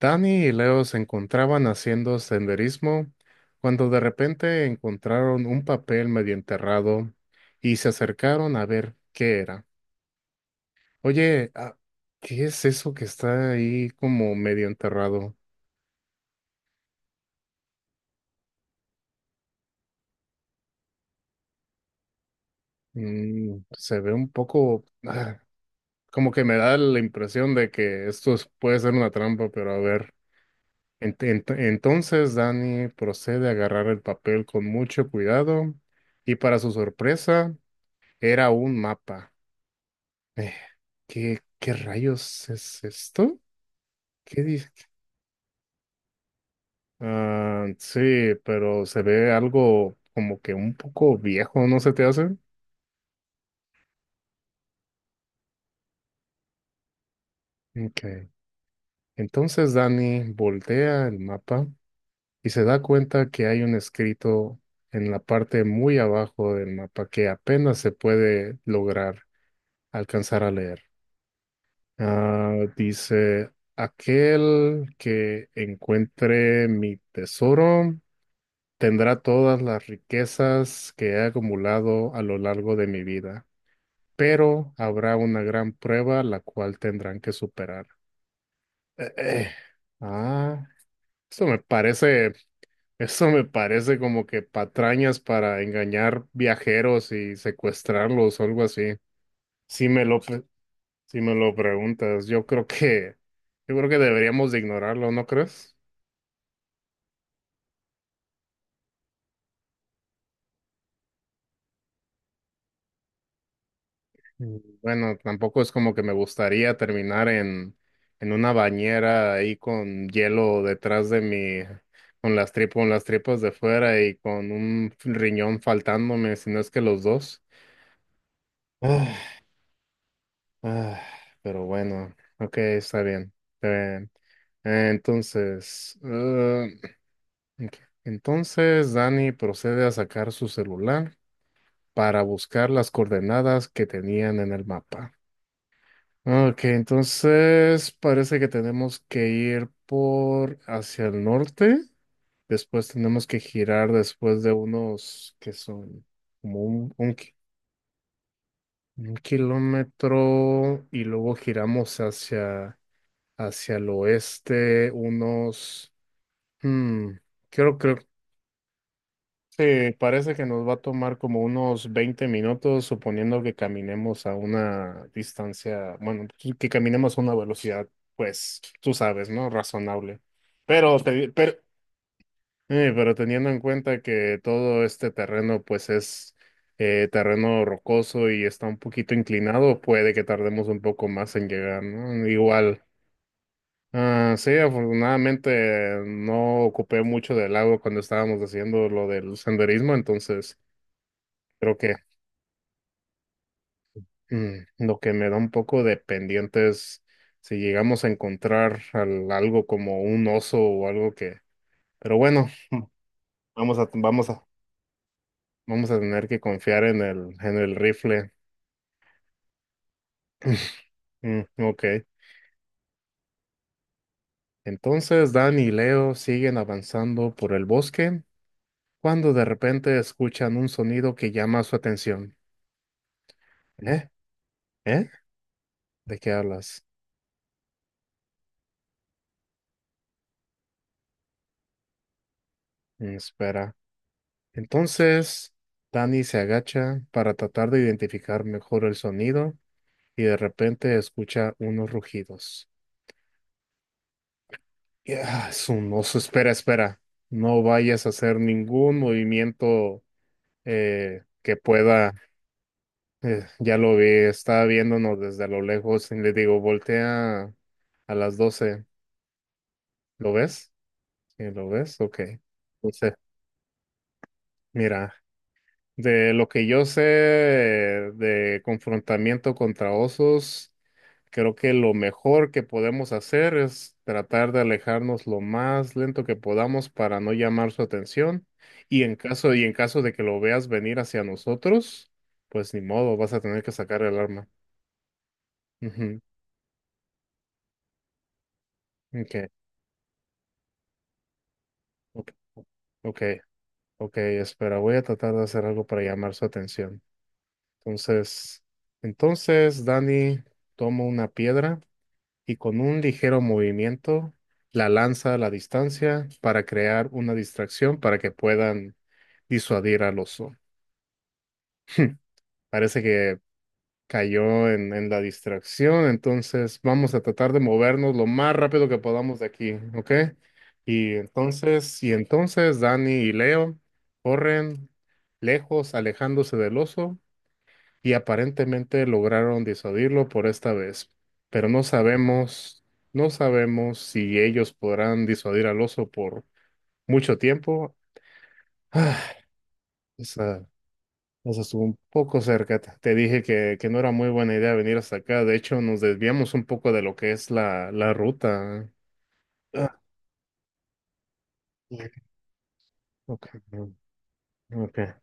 Danny y Leo se encontraban haciendo senderismo cuando de repente encontraron un papel medio enterrado y se acercaron a ver qué era. Oye, ¿qué es eso que está ahí como medio enterrado? Mm, se ve un poco, como que me da la impresión de que puede ser una trampa, pero a ver. Entonces Danny procede a agarrar el papel con mucho cuidado y para su sorpresa era un mapa. Eh, qué rayos es esto? ¿Qué dice? Ah, sí, pero se ve algo como que un poco viejo, ¿no se te hace? Okay. Entonces Dani voltea el mapa y se da cuenta que hay un escrito en la parte muy abajo del mapa que apenas se puede lograr alcanzar a leer. Ah, dice, aquel que encuentre mi tesoro tendrá todas las riquezas que he acumulado a lo largo de mi vida, pero habrá una gran prueba la cual tendrán que superar. Eh, eh, Ah, esto me parece, esto me parece como que patrañas para engañar viajeros y secuestrarlos o algo así. Si me lo, pe- si me lo preguntas, yo creo que deberíamos de ignorarlo, ¿no crees? Mm, bueno, tampoco es como que me gustaría terminar en una bañera ahí con hielo detrás de mi, con las tripas de fuera y con un riñón faltándome, si no es que los dos. Ah, ah, pero bueno, ok, está bien. Está bien. Entonces, ok. Entonces Dani procede a sacar su celular para buscar las coordenadas que tenían en el mapa. Ok, entonces parece que tenemos que ir por hacia el norte. Después tenemos que girar después de unos que son como un ki- un kilómetro y luego giramos hacia el oeste unos... hmm, creo. Sí, parece que nos va a tomar como unos 20 minutos, suponiendo que caminemos a una distancia, bueno, pues, que caminemos a una velocidad, pues, tú sabes, ¿no? Razonable. Pero, te- pero, pero teniendo en cuenta que todo este terreno, pues, es terreno rocoso y está un poquito inclinado, puede que tardemos un poco más en llegar, ¿no? Igual. Ah, sí, afortunadamente no ocupé mucho del agua cuando estábamos haciendo lo del senderismo, entonces... Creo que mm, lo que me da un poco de pendiente es si llegamos a encontrar algo como un oso o algo que... Pero bueno, vamos a, vamos a, vamos a tener que confiar en en el rifle. Mm, ok. Entonces Dan y Leo siguen avanzando por el bosque cuando de repente escuchan un sonido que llama su atención. ¿Eh? ¿Eh? ¿De qué hablas? Mm, espera. Entonces Danny se agacha para tratar de identificar mejor el sonido y de repente escucha unos rugidos. Es un oso. Espera, espera. No vayas a hacer ningún movimiento que pueda. Ya lo vi, estaba viéndonos desde lo lejos y le digo, voltea a las 12. ¿Lo ves? Sí, ¿lo ves? Ok. Entonces, mira, de lo que yo sé de confrontamiento contra osos. Creo que lo mejor que podemos hacer es tratar de alejarnos lo más lento que podamos para no llamar su atención. Y en caso de que lo veas venir hacia nosotros, pues ni modo, vas a tener que sacar el arma. Ujú. Okay. Ok, ok, ok, espera, voy a tratar de hacer algo para llamar su atención. Entonces, Dani tomo una piedra y con un ligero movimiento la lanza a la distancia para crear una distracción para que puedan disuadir al oso. Parece que cayó en la distracción, entonces vamos a tratar de movernos lo más rápido que podamos de aquí, ¿ok? Y entonces Dani y Leo corren lejos, alejándose del oso y aparentemente lograron disuadirlo por esta vez, pero no sabemos si ellos podrán disuadir al oso por mucho tiempo. Ah, esa, esa estuvo un poco cerca. Te dije que no era muy buena idea venir hasta acá. De hecho, nos desviamos un poco de lo que es la ruta. Ah, ok, ok, ok.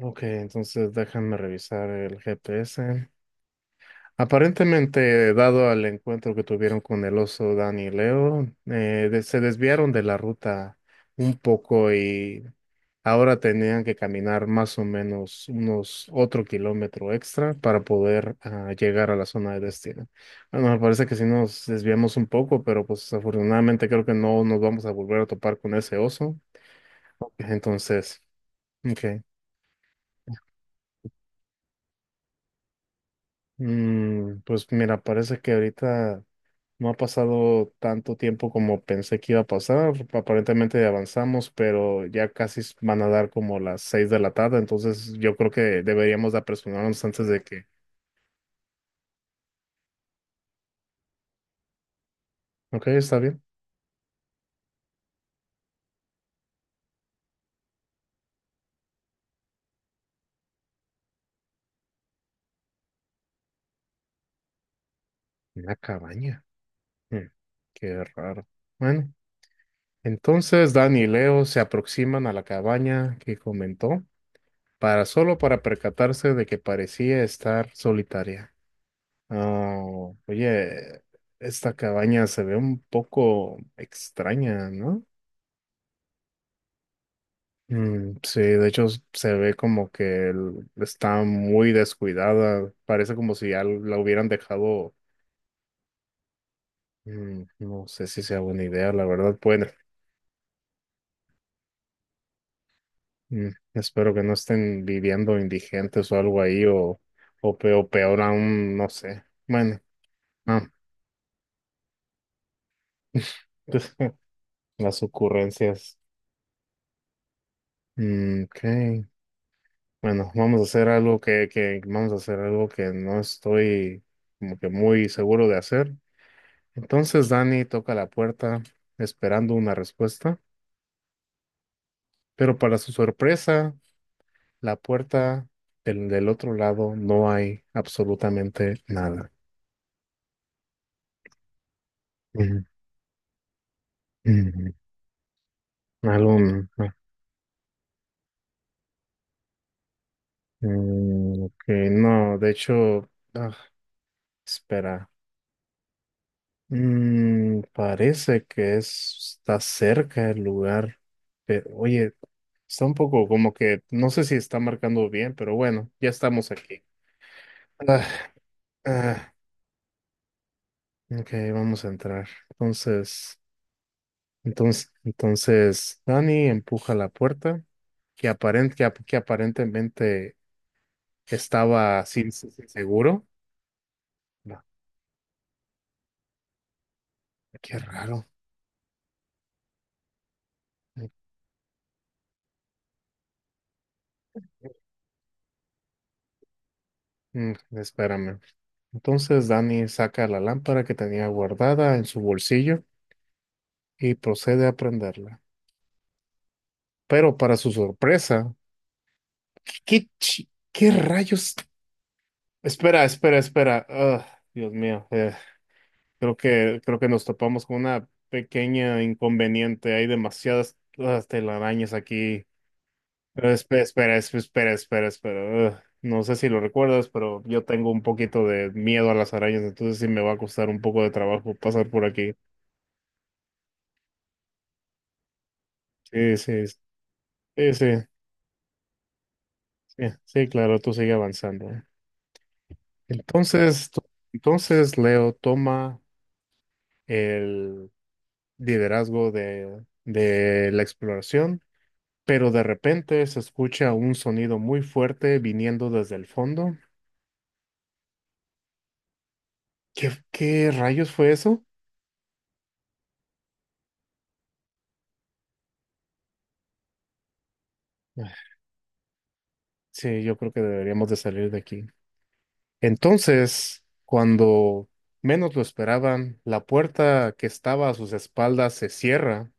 Ok. Entonces déjame revisar el GPS. Aparentemente, dado al encuentro que tuvieron con el oso Dan y Leo, se desviaron de la ruta un poco y ahora tenían que caminar más o menos unos otro kilómetro extra para poder llegar a la zona de destino. Bueno, me parece que sí nos desviamos un poco, pero pues afortunadamente creo que no nos vamos a volver a topar con ese oso. Entonces, ok. Mm, pues mira, parece que ahorita. No ha pasado tanto tiempo como pensé que iba a pasar. Aparentemente avanzamos, pero ya casi van a dar como las seis de la tarde, entonces yo creo que deberíamos de apresurarnos antes de que... Ok, está bien. Una cabaña. Mm, qué raro. Bueno, entonces Dan y Leo se aproximan a la cabaña que comentó, para solo para percatarse de que parecía estar solitaria. Ah, oye, esta cabaña se ve un poco extraña, ¿no? Mm, sí, de hecho se ve como que está muy descuidada. Parece como si ya la hubieran dejado. Mm, no sé si sea buena idea, la verdad. Pueden, mm, espero que no estén viviendo indigentes o algo ahí, o peor aún, no sé. Bueno, ah, las ocurrencias. Mm, ok. Bueno, vamos a hacer algo que no estoy como que muy seguro de hacer. Entonces Danny toca la puerta esperando una respuesta, pero para su sorpresa, la puerta del otro lado no hay absolutamente nada. Mm, mm, Algo, mm, ah, mm, ok, no, de hecho, ah, espera. Mm, parece que está cerca el lugar, pero oye, está un poco como que, no sé si está marcando bien, pero bueno, ya estamos aquí. Ah, ah. Ok, vamos a entrar. Dani empuja la puerta, que, aparentemente estaba sin seguro. No, qué raro. Mm, espérame. Entonces, Dani saca la lámpara que tenía guardada en su bolsillo y procede a prenderla. Pero para su sorpresa, qué rayos? Espera, espera, espera. Ah, Dios mío. Creo que nos topamos con una pequeña inconveniente. Hay demasiadas telarañas aquí. Pero espera, espera, espera, espera. Ugh. No sé si lo recuerdas, pero yo tengo un poquito de miedo a las arañas, entonces sí me va a costar un poco de trabajo pasar por aquí. Sí, sí, sí, sí, sí, sí, sí, claro, tú sigue avanzando. Entonces, tú- entonces Leo toma el liderazgo de la exploración. Pero de repente se escucha un sonido muy fuerte viniendo desde el fondo. Qué rayos fue eso? Ah, Sí, yo creo que deberíamos de salir de aquí. Entonces, cuando menos lo esperaban, la puerta que estaba a sus espaldas se cierra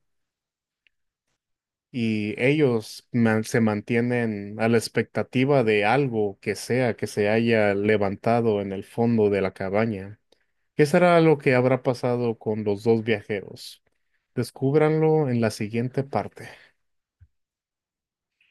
y ellos se mantienen a la expectativa de algo que sea que se haya levantado en el fondo de la cabaña. ¿Qué será lo que habrá pasado con los dos viajeros? Descúbranlo en la siguiente parte.